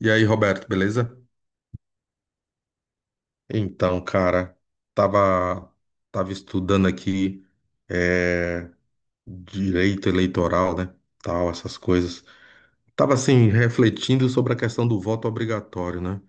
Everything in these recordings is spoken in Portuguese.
E aí, Roberto, beleza? Então, cara, tava, tava estudando aqui é, direito eleitoral, né? Tal, essas coisas. Tava assim, refletindo sobre a questão do voto obrigatório, né?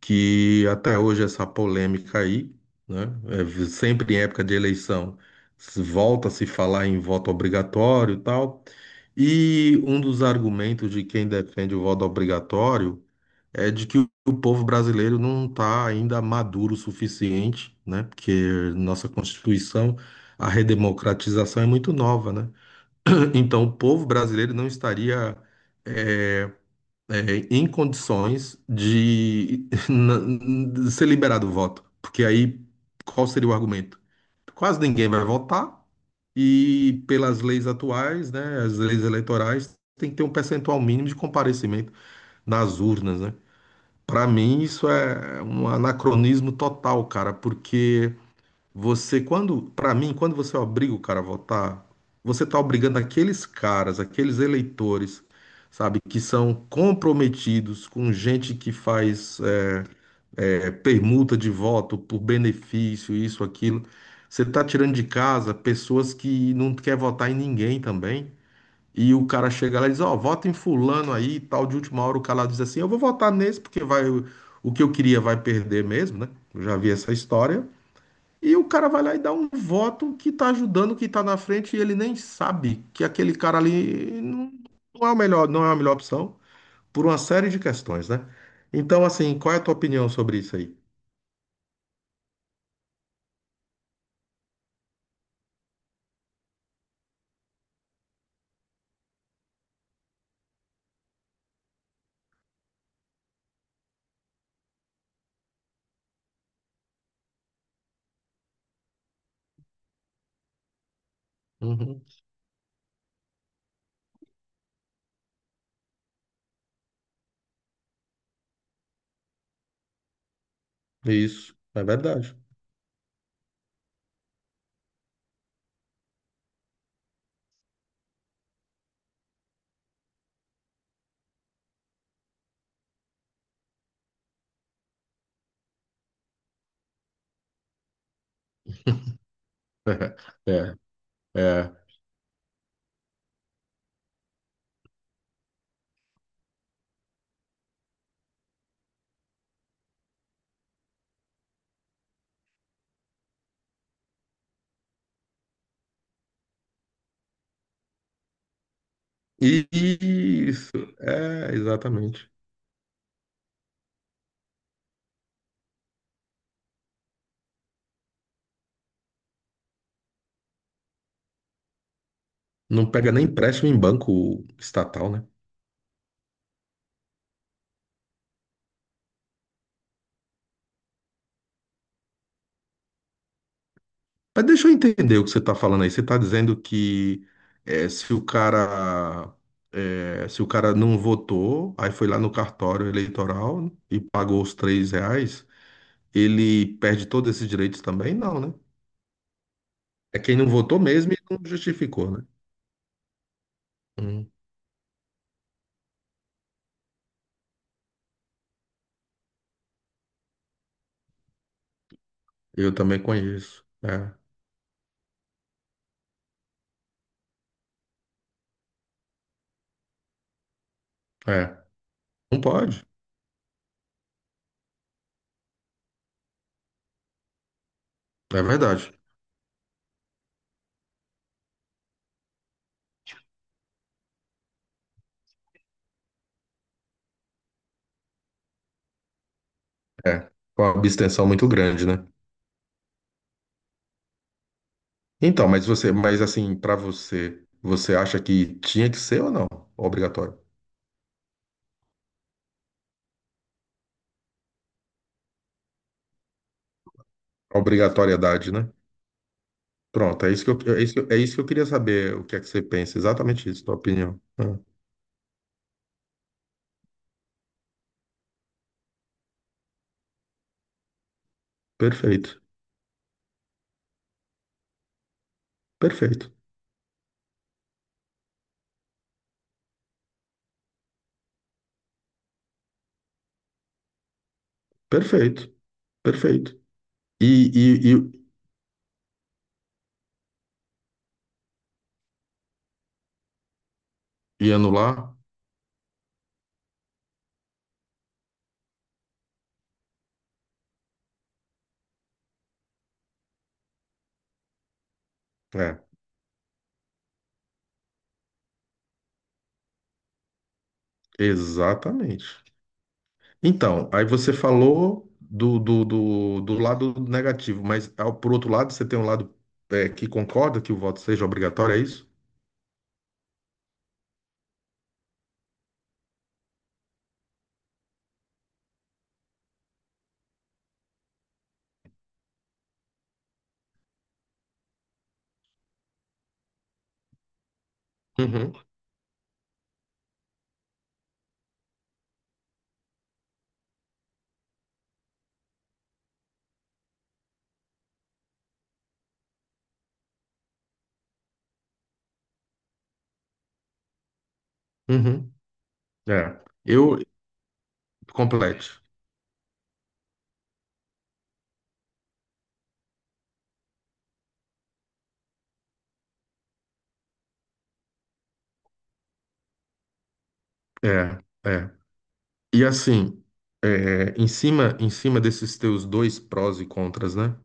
Que até hoje essa polêmica aí, né? Sempre em época de eleição, se volta a se falar em voto obrigatório e tal. E um dos argumentos de quem defende o voto obrigatório, é de que o povo brasileiro não está ainda maduro o suficiente, né? Porque nossa Constituição, a redemocratização é muito nova, né? Então, o povo brasileiro não estaria é, é, em condições de, de ser liberado o voto, porque aí qual seria o argumento? Quase ninguém vai votar e pelas leis atuais, né? As leis eleitorais tem que ter um percentual mínimo de comparecimento nas urnas, né? Para mim, isso é um anacronismo total, cara, porque você, quando, para mim, quando você obriga o cara a votar, você tá obrigando aqueles caras, aqueles eleitores, sabe, que são comprometidos com gente que faz permuta de voto por benefício, isso, aquilo. Você tá tirando de casa pessoas que não quer votar em ninguém também. E o cara chega lá e diz, ó, vota em fulano aí e tal, de última hora o cara lá diz assim, eu vou votar nesse porque vai o que eu queria vai perder mesmo, né? Eu já vi essa história. E o cara vai lá e dá um voto que tá ajudando, que tá na frente e ele nem sabe que aquele cara ali não é o melhor, não é a melhor opção por uma série de questões, né? Então, assim, qual é a tua opinião sobre isso aí? Uhum. Isso, é verdade. É, é. E isso, exatamente. Não pega nem empréstimo em banco estatal, né? Mas deixa eu entender o que você está falando aí. Você está dizendo que eh, se o cara se o cara não votou, aí foi lá no cartório eleitoral e pagou os R$ 3, ele perde todos esses direitos também? Não, né? É quem não votou mesmo e não justificou, né? Hum, eu também conheço. É, é. Não pode. É verdade. É. Com a abstenção muito grande, né? Então, mas você, mas assim, para você, você acha que tinha que ser ou não? Obrigatório. Obrigatoriedade, né? Pronto, é isso que eu queria saber, o que é que você pensa, exatamente isso, tua opinião. Ah, perfeito, perfeito, perfeito, perfeito. E, e, e, e anular? É, exatamente. Então, aí você falou do lado negativo, mas ao, por outro lado, você tem um lado que concorda que o voto seja obrigatório, é isso? Uhum, uhum. É, eu complete. É, é. E assim, é, em cima desses teus dois prós e contras, né?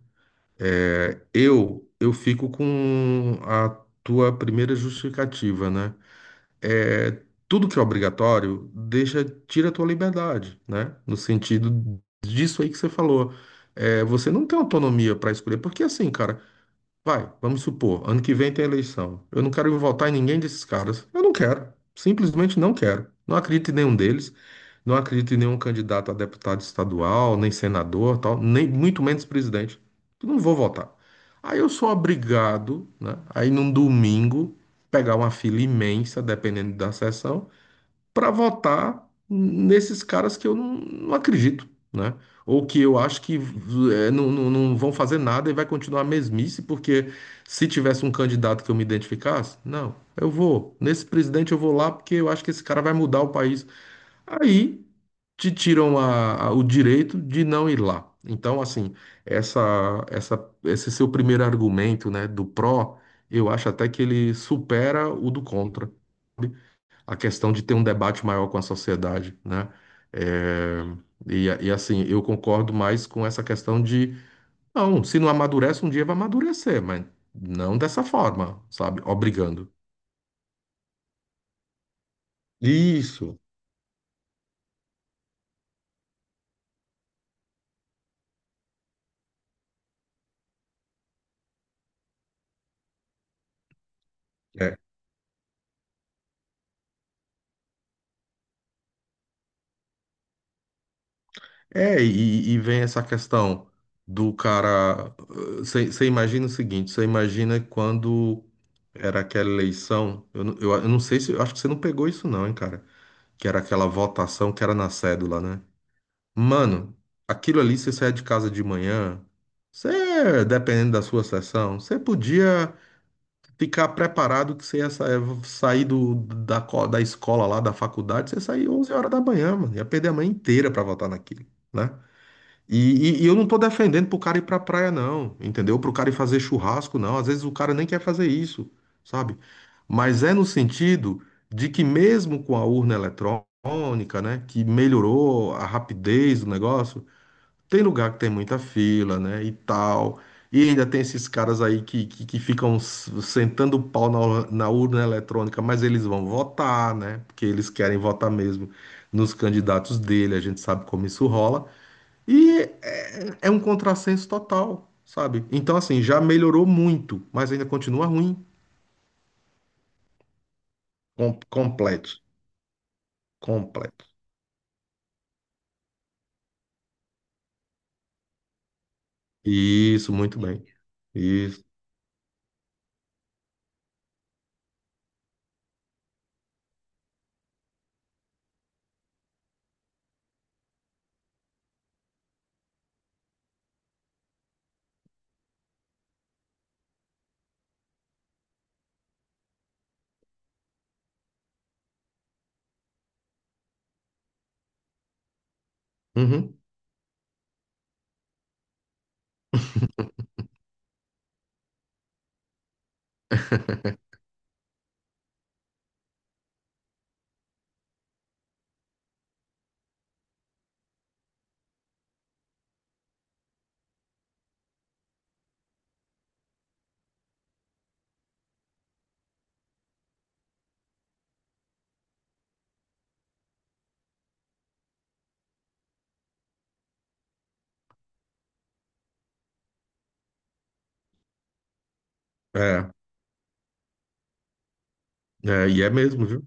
É, eu fico com a tua primeira justificativa, né? É, tudo que é obrigatório deixa, tira a tua liberdade, né? No sentido disso aí que você falou. É, você não tem autonomia para escolher, porque assim, cara. Vai, vamos supor, ano que vem tem eleição. Eu não quero votar em ninguém desses caras. Eu não quero. Simplesmente não quero. Não acredito em nenhum deles. Não acredito em nenhum candidato a deputado estadual, nem senador, tal, nem muito menos presidente. Eu não vou votar. Aí eu sou obrigado, né, a ir num domingo, pegar uma fila imensa, dependendo da sessão, para votar nesses caras que eu não acredito, né? Ou que eu acho que não vão fazer nada e vai continuar a mesmice, porque se tivesse um candidato que eu me identificasse, não, eu vou, nesse presidente eu vou lá porque eu acho que esse cara vai mudar o país. Aí te tiram o direito de não ir lá. Então, assim, esse seu primeiro argumento, né, do pró, eu acho até que ele supera o do contra a questão de ter um debate maior com a sociedade, né? É, e assim, eu concordo mais com essa questão de, não, se não amadurece, um dia vai amadurecer, mas não dessa forma, sabe? Obrigando. Isso. É, é e vem essa questão do cara. Você imagina o seguinte: você imagina quando era aquela eleição, eu não sei se, eu acho que você não pegou isso, não, hein, cara? Que era aquela votação que era na cédula, né? Mano, aquilo ali, você sair de casa de manhã, você, dependendo da sua sessão, você podia ficar preparado que você ia sair da escola lá, da faculdade, você sair 11 horas da manhã, mano. Ia perder a manhã inteira pra voltar naquilo, né? E, e eu não tô defendendo pro cara ir pra praia, não, entendeu? Pro cara ir fazer churrasco, não. Às vezes o cara nem quer fazer isso, sabe? Mas é no sentido de que mesmo com a urna eletrônica, né, que melhorou a rapidez do negócio, tem lugar que tem muita fila, né, e tal. E ainda tem esses caras aí que ficam sentando o pau na urna eletrônica, mas eles vão votar, né? Porque eles querem votar mesmo nos candidatos dele, a gente sabe como isso rola. E é um contrassenso total, sabe? Então, assim, já melhorou muito, mas ainda continua ruim. Completo. Completo. Isso, muito bem. Isso. Uhum. É, é, e é mesmo, viu?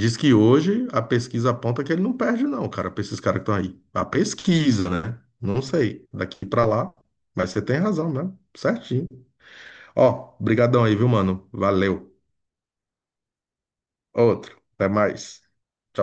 Diz que hoje a pesquisa aponta que ele não perde, não, cara, pra esses caras que estão aí. A pesquisa, né? Não sei. Daqui pra lá. Mas você tem razão, né? Certinho. Ó, brigadão aí, viu, mano? Valeu. Outro. Até mais. Tchau.